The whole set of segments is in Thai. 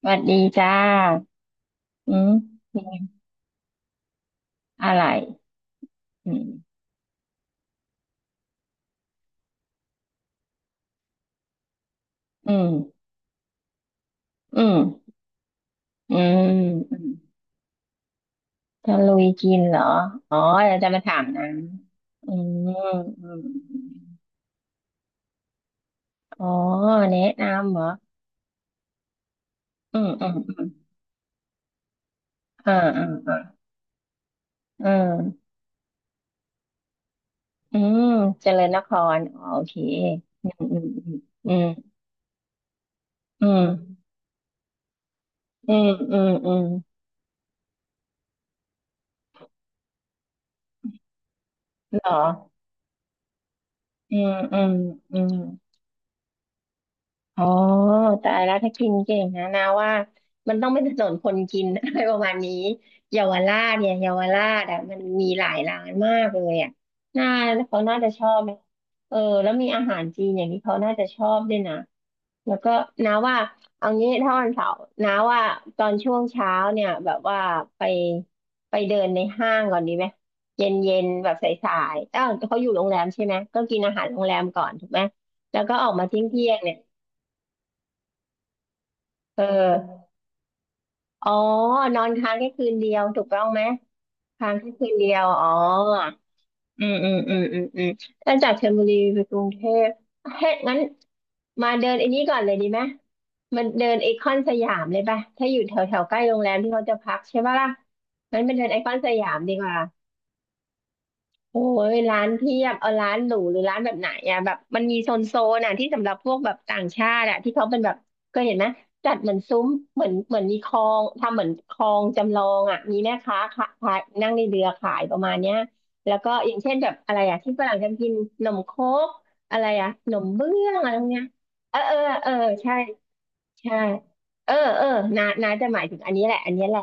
สวัสดีจ้าอืมเป็นไงอะไรอืมอืมอืมอืมอืมจะลุยกินเหรอ อ๋อเราจะมาถามนะอืมอืมอมอ๋อแนะนำเหรออืมอืมอืมอ่าอ่าอ่าอืมอืมเจริญนคร อ๋อโอเค อืม อืม อืม อืม อืม อืม อืมอืมเหรออืมอืมอืม อ๋อตายแล้วถ้ากินเก่งนะว่ามันต้องเป็นถนนคนกิน อะไรประมาณนี้เยาวราชเนี่ยเยาวราชอ่ะมันมีหลายร้านมากเลยอ่ะน่าเขาน่าจะชอบไหมเออแล้วมีอาหารจีนอย่างที่เขาน่าจะชอบด้วยนะแล้วก็นาว่าเอางี้ถ้าวันเสาร์นาว่าตอนช่วงเช้าเนี่ยแบบว่าไปไปเดินในห้างก่อนดีไหมเย็นเย็นแบบสายๆเอ้าเขาอยู่โรงแรมใช่ไหมก็กินอาหารโรงแรมก่อนถูกไหมแล้วก็ออกมาเที่ยงเนี่ย เอออ๋อนอนค้างแค่คืนเดียวถูกต้องไหมค้างแค่คืนเดียวอ๋ออืมอืมอืมอืมอืมแล้วจากชลบุรีไปกรุงเทพเฮ้ยงั้นมาเดินไอ้นี้ก่อนเลยดีไหมมันเดินไอคอนสยามเลยป่ะถ้าอยู่แถวแถวใกล้โรงแรมที่เขาจะพักใช่ป่ะล่ะงั้นไปเดินไอคอนสยามดีกว่า โอ้ยร้านเทียบเอาร้านหรูหรือร้านแบบไหนอ่ะแบบมันมีโซนโซนอ่ะที่สำหรับพวกแบบต่างชาติอ่ะที่เขาเป็นแบบเคยเห็นไหมจัดเหมือนซุ้มเหมือนมีคลองทำเหมือนคลองจำลองอ่ะมีแม่ค้าขายนั่งในเรือขายประมาณเนี้ยแล้วก็อย่างเช่นแบบอะไรอ่ะที่ฝรั่งจะกินขนมโค้กอะไรอ่ะขนมเบื้องอะไรพวกเนี้ยเออเออเออใช่ใช่เออเออนานาจะหมายถึงอันนี้แหละอันนี้แหละ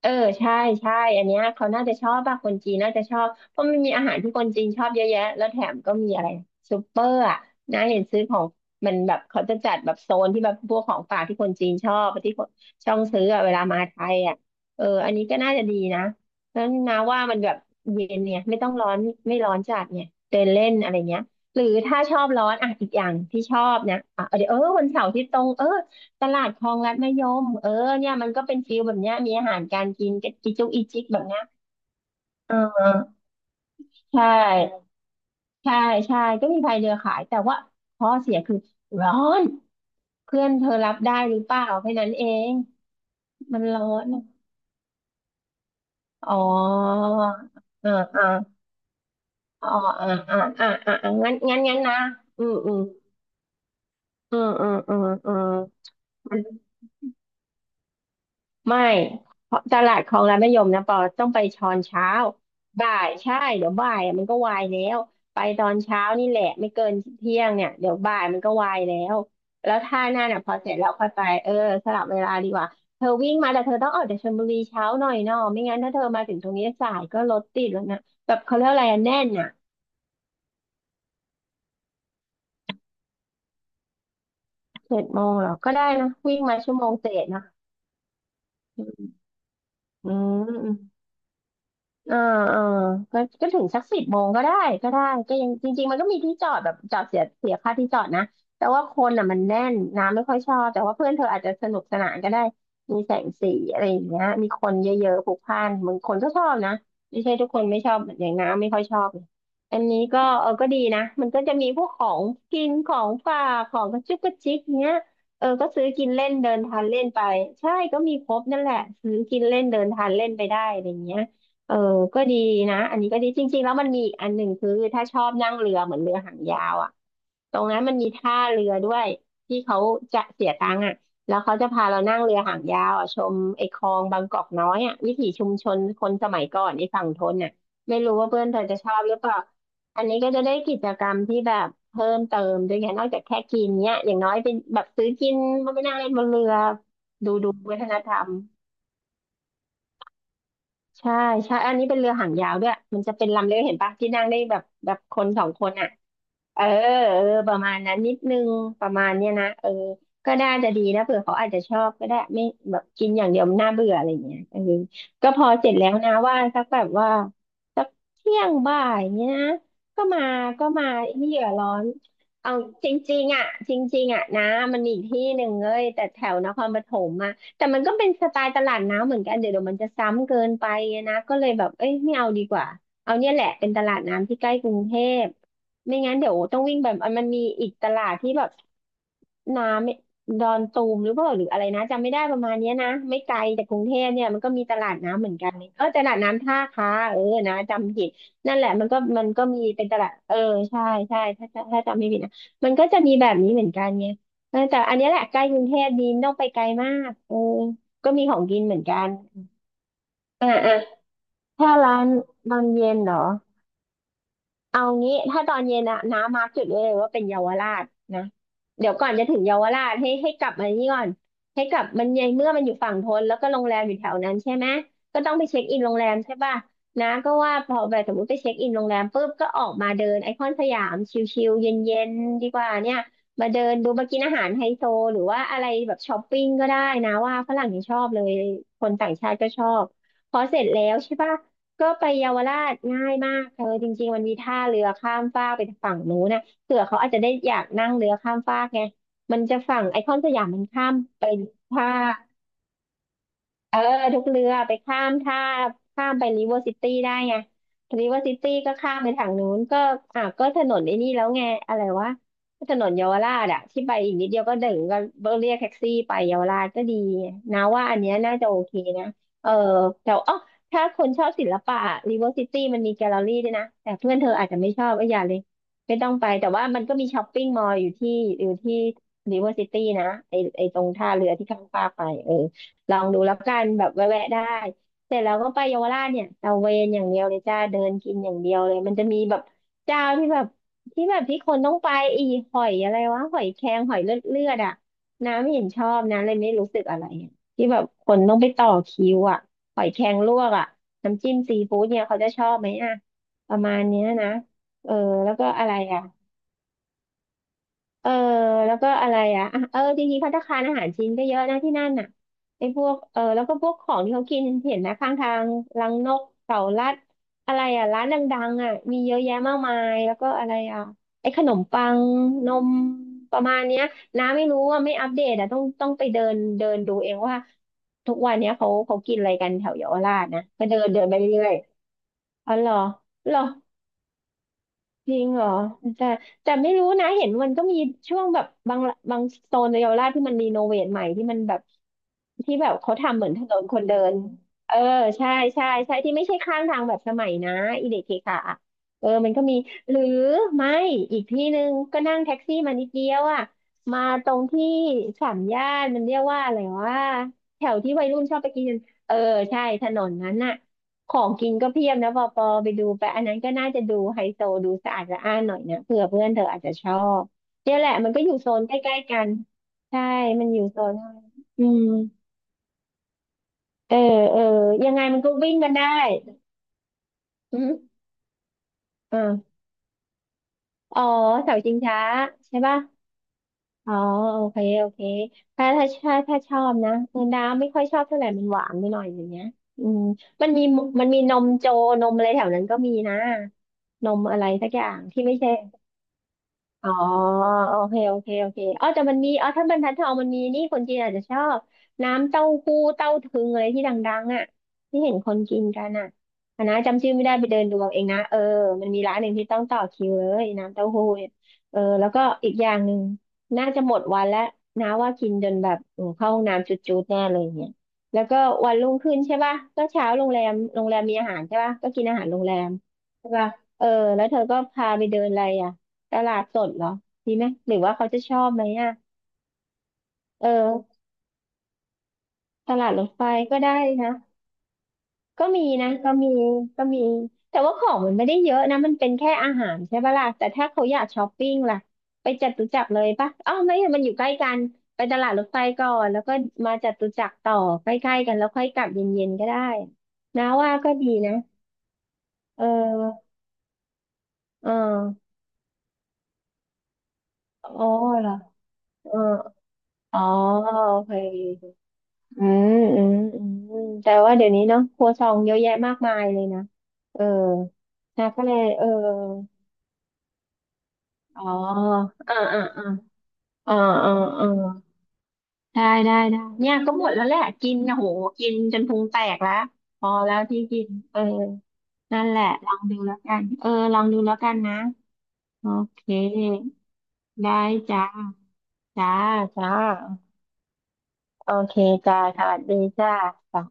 เออใช่ใช่อันเนี้ยเขาน่าจะชอบป่ะคนจีนน่าจะชอบเพราะมันมีอาหารที่คนจีนชอบเยอะแยะแล้วแถมก็มีอะไรซูเปอร์อ่ะนะเห็นซื้อของมันแบบเขาจะจัดแบบโซนที่แบบพวกของฝากที่คนจีนชอบที่คนช่องซื้ออะเวลามาไทยอ่ะเอออันนี้ก็น่าจะดีนะแล้วนะว่ามันแบบเย็นเนี่ยไม่ต้องร้อนไม่ร้อนจัดเนี่ยเดินเล่นอะไรเงี้ยหรือถ้าชอบร้อนอ่ะอีกอย่างที่ชอบนะอ่ะเดี๋ยวเออวันเสาร์ที่ตรงเออ ตลาดคลองลัดมะยมเออเนี่ยมันก็เป็นฟิลแบบเนี้ยมีอาหารการกินกจิจุกอีจิกแบบเนี้ยเออใช่ใช่ใช่ก็มีพายเรือขายแต่ว่าข้อเสียคือร้อน เพื่อนเธอรับได้หรือเปล่าแค่นั้นเอง มันร้อนอะอ๋ออ่าอ่าอ๋ออ่าอ่าอ่าอ่างั้น งั้นนะอืมอืมอืมอืมอืมอืม ไม่เพราะตลาดคลองรัฐมะยมนะปอต้องไปช้อนเช้าบ่ายใช่เดี๋ยวบ่ายอะมันก็วายแล้วไปตอนเช้านี่แหละไม่เกินเที่ยงเนี่ยเดี๋ยวบ่ายมันก็วายแล้วแล้วท่าหน้าน่ะพอเสร็จแล้วค่อยไปเออสลับเวลาดีกว่าเธอวิ่งมาแต่เธอต้องออกจากชลบุรีเช้าหน่อยเนาะไม่งั้นถ้าเธอมาถึงตรงนี้สายก็รถติดแล้วนะแบบเขาเรียกอะไรอะแน่นอ่ะเจ็ดโมงเหรอก็ได้นะวิ่งมาชั่วโมงเศษนะอืมอืม เออเออก็ถึงสักสิบโมงก็ได้ก็ได้ก็ยังจริงๆมันก็มีที่จอดแบบจอดเสียค่าที่จอดนะแต่ว่าคนอ่ะมันแน่นน้ำไม่ค่อยชอบแต่ว่าเพื่อนเธออาจจะสนุกสนานก็ได้มีแสงสีอะไรอย่างเงี้ยมีคนเยอะๆพลุกพล่านบางคนก็ชอบนะไม่ใช่ทุกคนไม่ชอบอย่างน้ำไม่ค่อยชอบเลยอันนี้ก็เออก็ดีนะมันก็จะมีพวกของกินของฝากของกระจุกกระจิกเงี้ยเออก็ซื้อกินเล่นเดินทานเล่นไปใช่ก็มีครบนั่นแหละซื้อกินเล่นเดินทานเล่นไปได้อะไรอย่างเงี้ย เออก็ดีนะอันนี้ก็ดีจริงๆแล้วมันมีอีกอันหนึ่งคือถ้าชอบนั่งเรือเหมือนเรือหางยาวอ่ะตรงนั้นมันมีท่าเรือด้วยที่เขาจะเสียตังค์อ่ะแล้วเขาจะพาเรานั่งเรือหางยาวอ่ะชมไอ้คลองบางกอกน้อยอ่ะวิถีชุมชนคนสมัยก่อนไอ้ฝั่งทนน่ะไม่รู้ว่าเพื่อนเธอจะชอบหรือเปล่าอันนี้ก็จะได้กิจกรรมที่แบบเพิ่มเติมด้วยไงนอกจากแค่กินเนี้ยอย่างน้อยเป็นแบบซื้อกินมาไปนั่งเล่นบนเรือดูวัฒนธรรม ใช่ใช่อันนี้เป็นเรือหางยาวด้วยมันจะเป็นลำเล็กเห็นปะที่นั่งได้แบบคนสองคนอ่ะเออเออประมาณนั้นนิดนึงประมาณเนี้ยนะเออก็น่าจะดีนะเผื่อเขาอาจจะชอบก็ได้ไม่แบบกินอย่างเดียวมันน่าเบื่ออะไรเงี้ยเออก็พอเสร็จแล้วนะว่าสักแบบว่าสักเที่ยงบ่ายเนี้ยนะก็มาก็มาไม่เหลือร้อนเอาจริงๆอ่ะจริงๆอ่ะนะมันมีอีกที่หนึ่งเลยแต่แถวนครปฐมอ่ะ แต่มันก็เป็นสไตล์ตลาดน้ำเหมือนกันเดี๋ยวมันจะซ้ำเกินไปอะนะก็เลยแบบเอ้ยไม่เอาดีกว่าเอาเนี่ยแหละเป็นตลาดน้ำที่ใกล้กรุงเทพไม่งั้นเดี๋ยวต้องวิ่งแบบมันมีอีกตลาดที่แบบน้ำดอนตูมหรือเปล่าหรืออะไรนะจำไม่ได้ประมาณเนี้ยนะไม่ไกลจากกรุงเทพเนี่ยมันก็มีตลาดน้ำเหมือนกันเออตลาดน้ำท่าค้าเออนะจำผิดนั่นแหละมันก็มีเป็นตลาดเออใช่ใช่ถ้าจำไม่ผิดนะมันก็จะมีแบบนี้เหมือนกันไง เออแต่อันเนี้ยแหละใกล้กรุงเทพดีไม่ต้องไปไกลมากเออก็มีของกินเหมือนกันอ่ะอ่ะถ้าร้านตอนเย็นเหรอ เอางี้ถ้าตอนเย็นอะน้ามาร์กจุดไว้เลยว่าเป็นเยาวราชนะเดี๋ยวก่อนจะถึงเยาวราชให้กลับมานี่ก่อนให้กลับมันในเมื่อมันอยู่ฝั่งทนแล้วก็โรงแรมอยู่แถวนั้นใช่ไหมก็ต้องไปเช็คอินโรงแรมใช่ป่ะน้าก็ว่าพอแบบสมมติไปเช็คอินโรงแรมปุ๊บก็ออกมาเดินไอคอนสยามชิลๆเย็นๆดีกว่าเนี่ยมาเดินดูมากินอาหารไฮโซหรือว่าอะไรแบบช้อปปิ้งก็ได้นะว่าฝรั่งยังชอบเลยคนต่างชาติก็ชอบพอเสร็จแล้วใช่ป่ะ ก็ไปเยาวราชง่ายมากเธอจริงๆมันมีท่าเรือข้ามฟากไปฝั่งนู้นนะเผื่อเขาอาจจะได้อยากนั่งเรือข้ามฟากไงมันจะฝั่งไอคอนสยามมันข้ามไปท่า เออทุกเรือไปข้ามท่าข้ามไปริเวอร์ซิตี้ได้ไงริเวอร์ซิตี้ก็ข้ามไปทางนู้นก็อ่ะก็ถนนไอ้นี่แล้วไงอะไรวะถนนเยาวราชอะที่ไปอีกนิดเดียวก็ถึงก็เรียกแท็กซี่ไปเยาวราชก็ดีนะว่าอันเนี้ยน่าจะโอเคนะเออแต่อ๋อถ้าคนชอบศิลปะริเวอร์ซิตี้มันมีแกลเลอรี่ด้วยนะแต่เพื่อนเธออาจจะไม่ชอบก็อย่าเลยไม่ต้องไปแต่ว่ามันก็มีช้อปปิ้งมอลล์อยู่ที่ริเวอร์ซิตี้นะไอตรงท่าเรือที่ข้ามฟากไปเออ ลองดูแล้วกันแบบแวะๆได้เสร็จแล้วก็ไปเยาวราชเนี่ยตะเวนอย่างเดียวเลยจ้าเดินกินอย่างเดียวเลยมันจะมีแบบเจ้าที่แบบที่คนต้องไปอีหอยอะไรวะหอยแครงหอยเลือดเลือดอะน้ำเห็นชอบนะเลยไม่รู้สึกอะไรอะที่แบบคนต้องไปต่อคิวอะหอยแครงลวกอะน้ำจิ้มซีฟู้ดเนี่ยเขาจะชอบไหมอะประมาณเนี้ยนะเออแล้วก็อะไรอ่ะ เออแล้วก็อะไรอ่ะอ่ะเออจริงๆภัตตาคารอาหารจีนก็เยอะนะที่นั่นน่ะไอ้พวกเออแล้วก็พวกของที่เขากินเห็นนะข้างทางรังนกเต่าลัดอะไรอ่ะร้านดังๆอ่ะมีเยอะแยะมากมายแล้วก็อะไรอ่ะไอ้ขนมปังนมประมาณเนี้ยน้าไม่รู้ว่าไม่อัปเดตอ่ะต้องไปเดินเดินดูเองว่าทุกวันเนี้ยเขากินอะไรกันแถวเยาวราชนะก็เดินเดินไปเรื่อยๆอ๋อเหรอเหรอ จริงเหรอแต่แต่ไม่รู้นะเห็นมันก็มีช่วงแบบบางโซนในเยาวราชที่มันรีโนเวทใหม่ที่มันแบบที่แบบเขาทำเหมือนถนนคนเดินเออใช่ใช่ที่ไม่ใช่ข้างทางแบบสมัยนะอีเด็กเคค่ะอะเออมันก็มีหรือไม่อีกที่หนึ่งก็นั่งแท็กซี่มานิดเดียวอ่ะมาตรงที่สามย่านมันเรียกว่าอะไรว่าแถวที่วัยรุ่นชอบไปกินเออใช่ถนนนั้นน่ะ ของกินก็เพียบนะปอปอไปดูไปอันนั้นก็น่าจะดูไฮโซดูสะอาดสะอ้านหน่อยนะเผื่อเพื่อนเธออาจจะชอบเนี่ยแหละมันก็อยู่โซนใกล้ๆกันใช่มันอยู่โซนอืมเออเออยังไงมันก็วิ่งกันได้อืมอ่าอ๋อเสาชิงช้าใช่ป่ะอ๋อโอเคโอเคถ้าชอบนะเออน้ำไม่ค่อยชอบเท่าไหร่มันหวานไปหน่อยอย่างเงี้ยอืมมันมีมันมีนมโจนมอะไรแถวนั้นก็มีนะนมอะไรสักอย่างที่ไม่ใช่ อ๋อโอเคอ๋อแต่มันมีอ๋อถ้าบรรทัดทองมันมีนี่คนจีนอาจจะชอบน้ำเต้าหู้เต้าถึงอะไรที่ดังๆอ่ะที่เห็นคนกินกันอ่ะอันนะจำชื่อไม่ได้ไปเดินดูเอาเองนะเออมันมีร้านหนึ่งที่ต้องต่อคิวเลยน้ำเต้าหู้เนี่ยเออแล้วก็อีกอย่างหนึ่งน่าจะหมดวันแล้วนะว่ากินจนแบบโอมเข้าห้องน้ำจุดๆแน่เลยเนี่ยแล้วก็วันรุ่งขึ้นใช่ป่ะก็เช้าโรงแรมมีอาหารใช่ป่ะก็กินอาหารโรงแรมใช่ป่ะเออแล้วเธอก็พาไปเดินอะไรอ่ะ ตลาดสดเหรอดีไหมหรือว่าเขาจะชอบไหมอ่ะเออตลาดรถไฟก็ได้นะก็มีนะก็มีก็มีแต่ว่าของมันไม่ได้เยอะนะมันเป็นแค่อาหารใช่ปะล่ะแต่ถ้าเขาอยากช้อปปิ้งล่ะไปจตุจักรเลยปะอ้าวไม่อะมันอยู่ใกล้กันไปตลาดรถไฟก่อนแล้วก็มาจตุจักรต่อใกล้ๆกันแล้วค่อยกลับเย็นๆก็ได้นะว่าก็ดีนะเออเอออ๋อเหรอเอออ๋อโอเค อืมอืมอืมแต่ว่าเดี๋ยวนี้เนาะครัวซองเยอะแยะมากมายเลยนะเออนะก็เลยเอออ๋ออ่าอ่าอ่าอ่าอ่าอ่าได้ได้ได้เนี่ยก็หมดแล้วแหละกินนะโหกินจนพุงแตกแล้วพอแล้วที่กินเออนั่นแหละลองดูแล้วกันเออลองดูแล้วกันนะโอเคได้จ้าจ้าจ้าโอเคจ้าสวัสดีจ้าจ้า